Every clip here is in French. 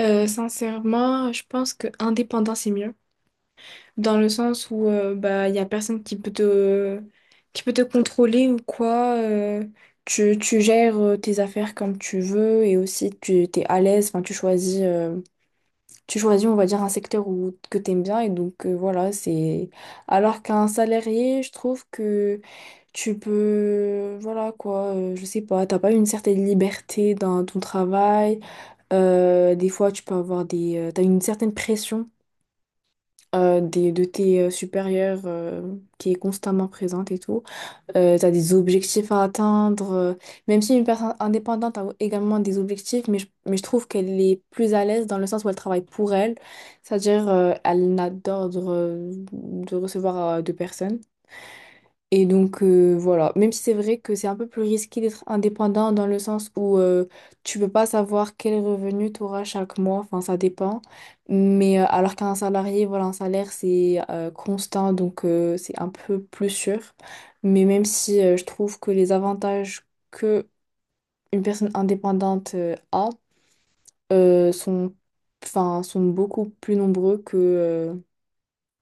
Sincèrement, je pense que indépendant c'est mieux, dans le sens où il y a personne qui peut te contrôler ou quoi. Tu gères tes affaires comme tu veux et aussi tu t'es à l'aise. Enfin, tu choisis on va dire un secteur où que t'aimes bien et donc voilà c'est. Alors qu'un salarié, je trouve que tu peux voilà quoi, je sais pas, t'as pas une certaine liberté dans ton travail. Des fois, tu peux avoir t'as une certaine pression de tes supérieurs qui est constamment présente et tout. T'as des objectifs à atteindre. Même si une personne indépendante a également des objectifs, mais je trouve qu'elle est plus à l'aise dans le sens où elle travaille pour elle. C'est-à-dire, elle n'a d'ordre de recevoir de personne. Et donc voilà, même si c'est vrai que c'est un peu plus risqué d'être indépendant dans le sens où tu peux pas savoir quel revenu tu auras chaque mois, enfin ça dépend. Mais alors qu'un salarié, voilà, un salaire c'est constant, donc c'est un peu plus sûr. Mais même si je trouve que les avantages que une personne indépendante a sont, enfin, sont beaucoup plus nombreux que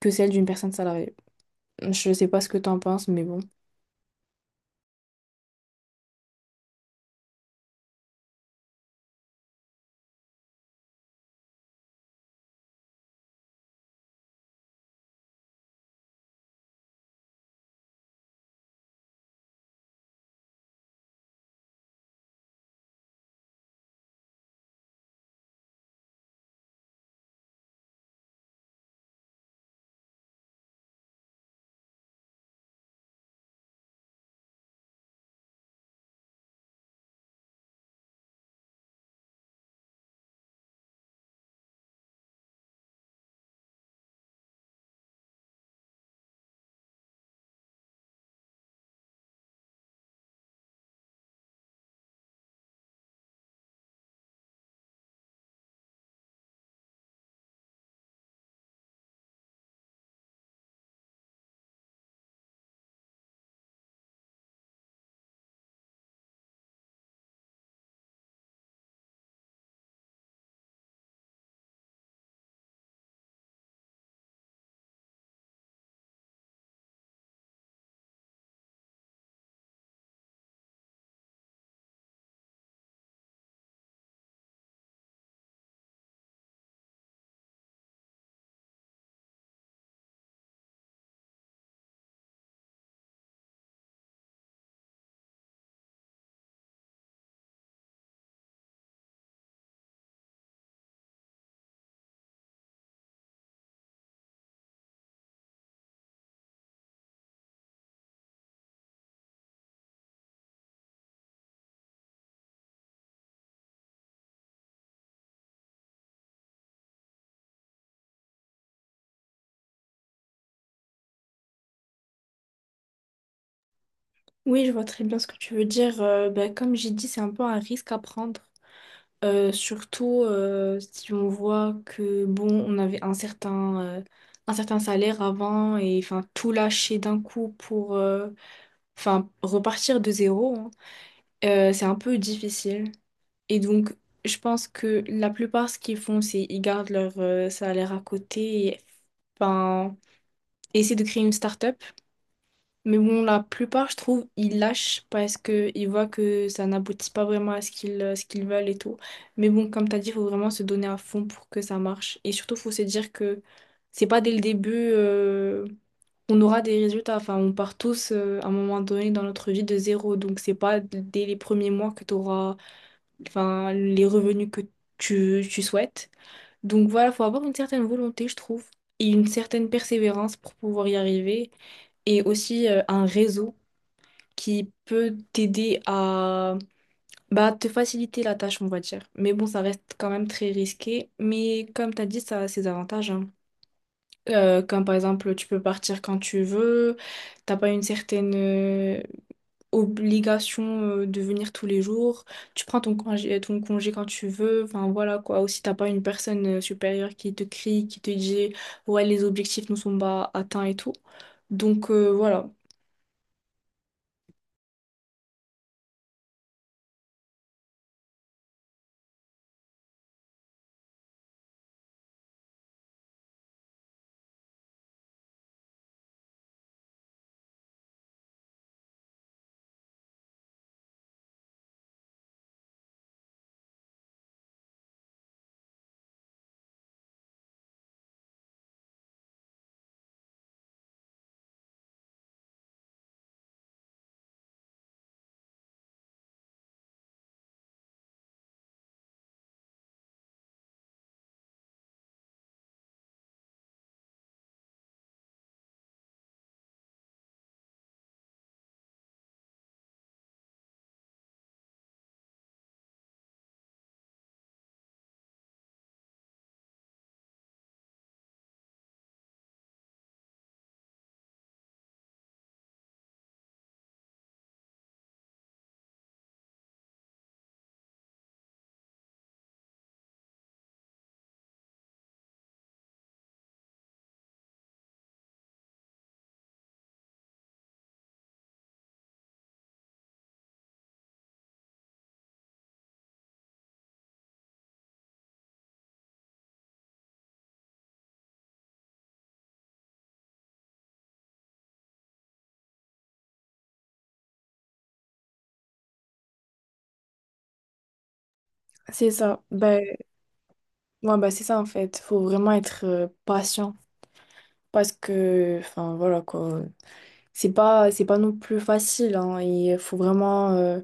que celles d'une personne salariée. Je sais pas ce que tu en penses, mais bon. Oui, je vois très bien ce que tu veux dire. Ben, comme j'ai dit, c'est un peu un risque à prendre. Surtout si on voit que, bon, on avait un un certain salaire avant et enfin, tout lâcher d'un coup pour enfin, repartir de zéro, hein, c'est un peu difficile. Et donc, je pense que la plupart, ce qu'ils font, c'est ils gardent leur salaire à côté et enfin, essaient de créer une start-up. Mais bon, la plupart, je trouve, ils lâchent parce qu'ils voient que ça n'aboutit pas vraiment à ce qu'ils veulent et tout. Mais bon, comme tu as dit, il faut vraiment se donner à fond pour que ça marche. Et surtout, il faut se dire que c'est pas dès le début qu'on aura des résultats. Enfin, on part tous à un moment donné dans notre vie de zéro. Donc, c'est pas dès les premiers mois que tu auras enfin, les revenus que tu souhaites. Donc, voilà, il faut avoir une certaine volonté, je trouve, et une certaine persévérance pour pouvoir y arriver et aussi un réseau qui peut t'aider à bah, te faciliter la tâche, on va dire. Mais bon, ça reste quand même très risqué. Mais comme tu as dit, ça a ses avantages, hein. Comme par exemple, tu peux partir quand tu veux, t'as pas une certaine obligation de venir tous les jours, tu prends ton congé quand tu veux, enfin voilà quoi. Aussi, t'as pas une personne supérieure qui te crie, qui te dit ouais, les objectifs ne sont pas atteints et tout. Donc voilà. C'est ça. Ben, ouais, bah c'est ça en fait. Faut vraiment être patient parce que, enfin voilà quoi. C'est pas non plus facile, hein. Il faut vraiment,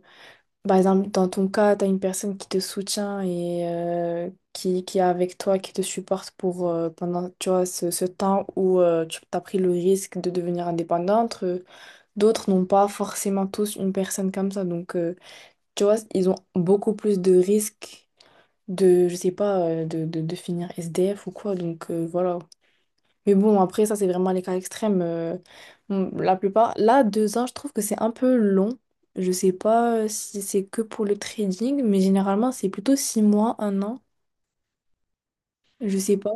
par exemple, dans ton cas, t'as une personne qui te soutient et qui est avec toi, qui te supporte pour pendant, tu vois, ce temps où tu as pris le risque de devenir indépendante. D'autres n'ont pas forcément tous une personne comme ça, donc tu vois, ils ont beaucoup plus de risques de, je sais pas, de finir SDF ou quoi. Donc voilà. Mais bon, après, ça, c'est vraiment les cas extrêmes. Bon, la plupart. Là, deux ans, je trouve que c'est un peu long. Je sais pas si c'est que pour le trading, mais généralement, c'est plutôt six mois, un an. Je sais pas.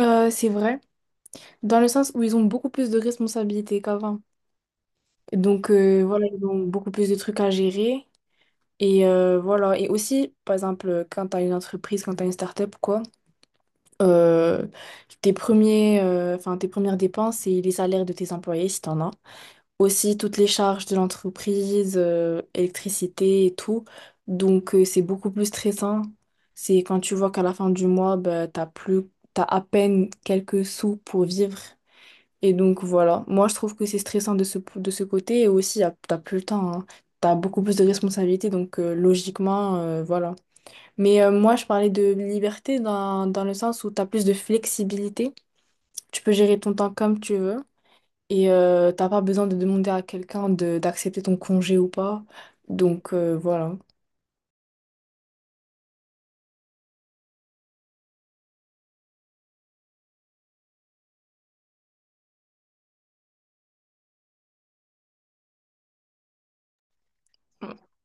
C'est vrai. Dans le sens où ils ont beaucoup plus de responsabilités qu'avant. Donc, voilà, ils ont beaucoup plus de trucs à gérer. Et voilà. Et aussi, par exemple, quand t'as une entreprise, quand t'as une start-up, quoi, euh, tes enfin, tes premières dépenses, c'est les salaires de tes employés, si t'en as. Aussi toutes les charges de l'entreprise, électricité et tout. Donc, c'est beaucoup plus stressant. C'est quand tu vois qu'à la fin du mois, bah, t'as plus, t'as à peine quelques sous pour vivre. Et donc, voilà. Moi, je trouve que c'est stressant de ce côté. Et aussi, t'as plus le temps, hein. T'as beaucoup plus de responsabilités. Donc, logiquement, voilà. Mais moi, je parlais de liberté dans le sens où t'as plus de flexibilité. Tu peux gérer ton temps comme tu veux. Et t'as pas besoin de demander à quelqu'un de d'accepter ton congé ou pas. Donc voilà.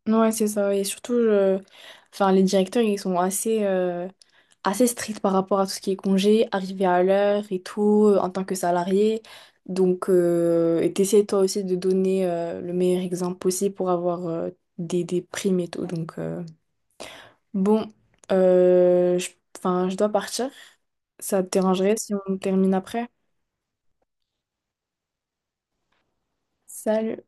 Ouais, c'est ça. Et surtout, enfin, les directeurs, ils sont assez stricts par rapport à tout ce qui est congé, arriver à l'heure et tout, en tant que salarié. Donc, et t'essaies toi aussi de donner le meilleur exemple possible pour avoir des primes et tout. Donc, bon, euh, je, enfin, je dois partir. Ça te dérangerait si on termine après? Salut.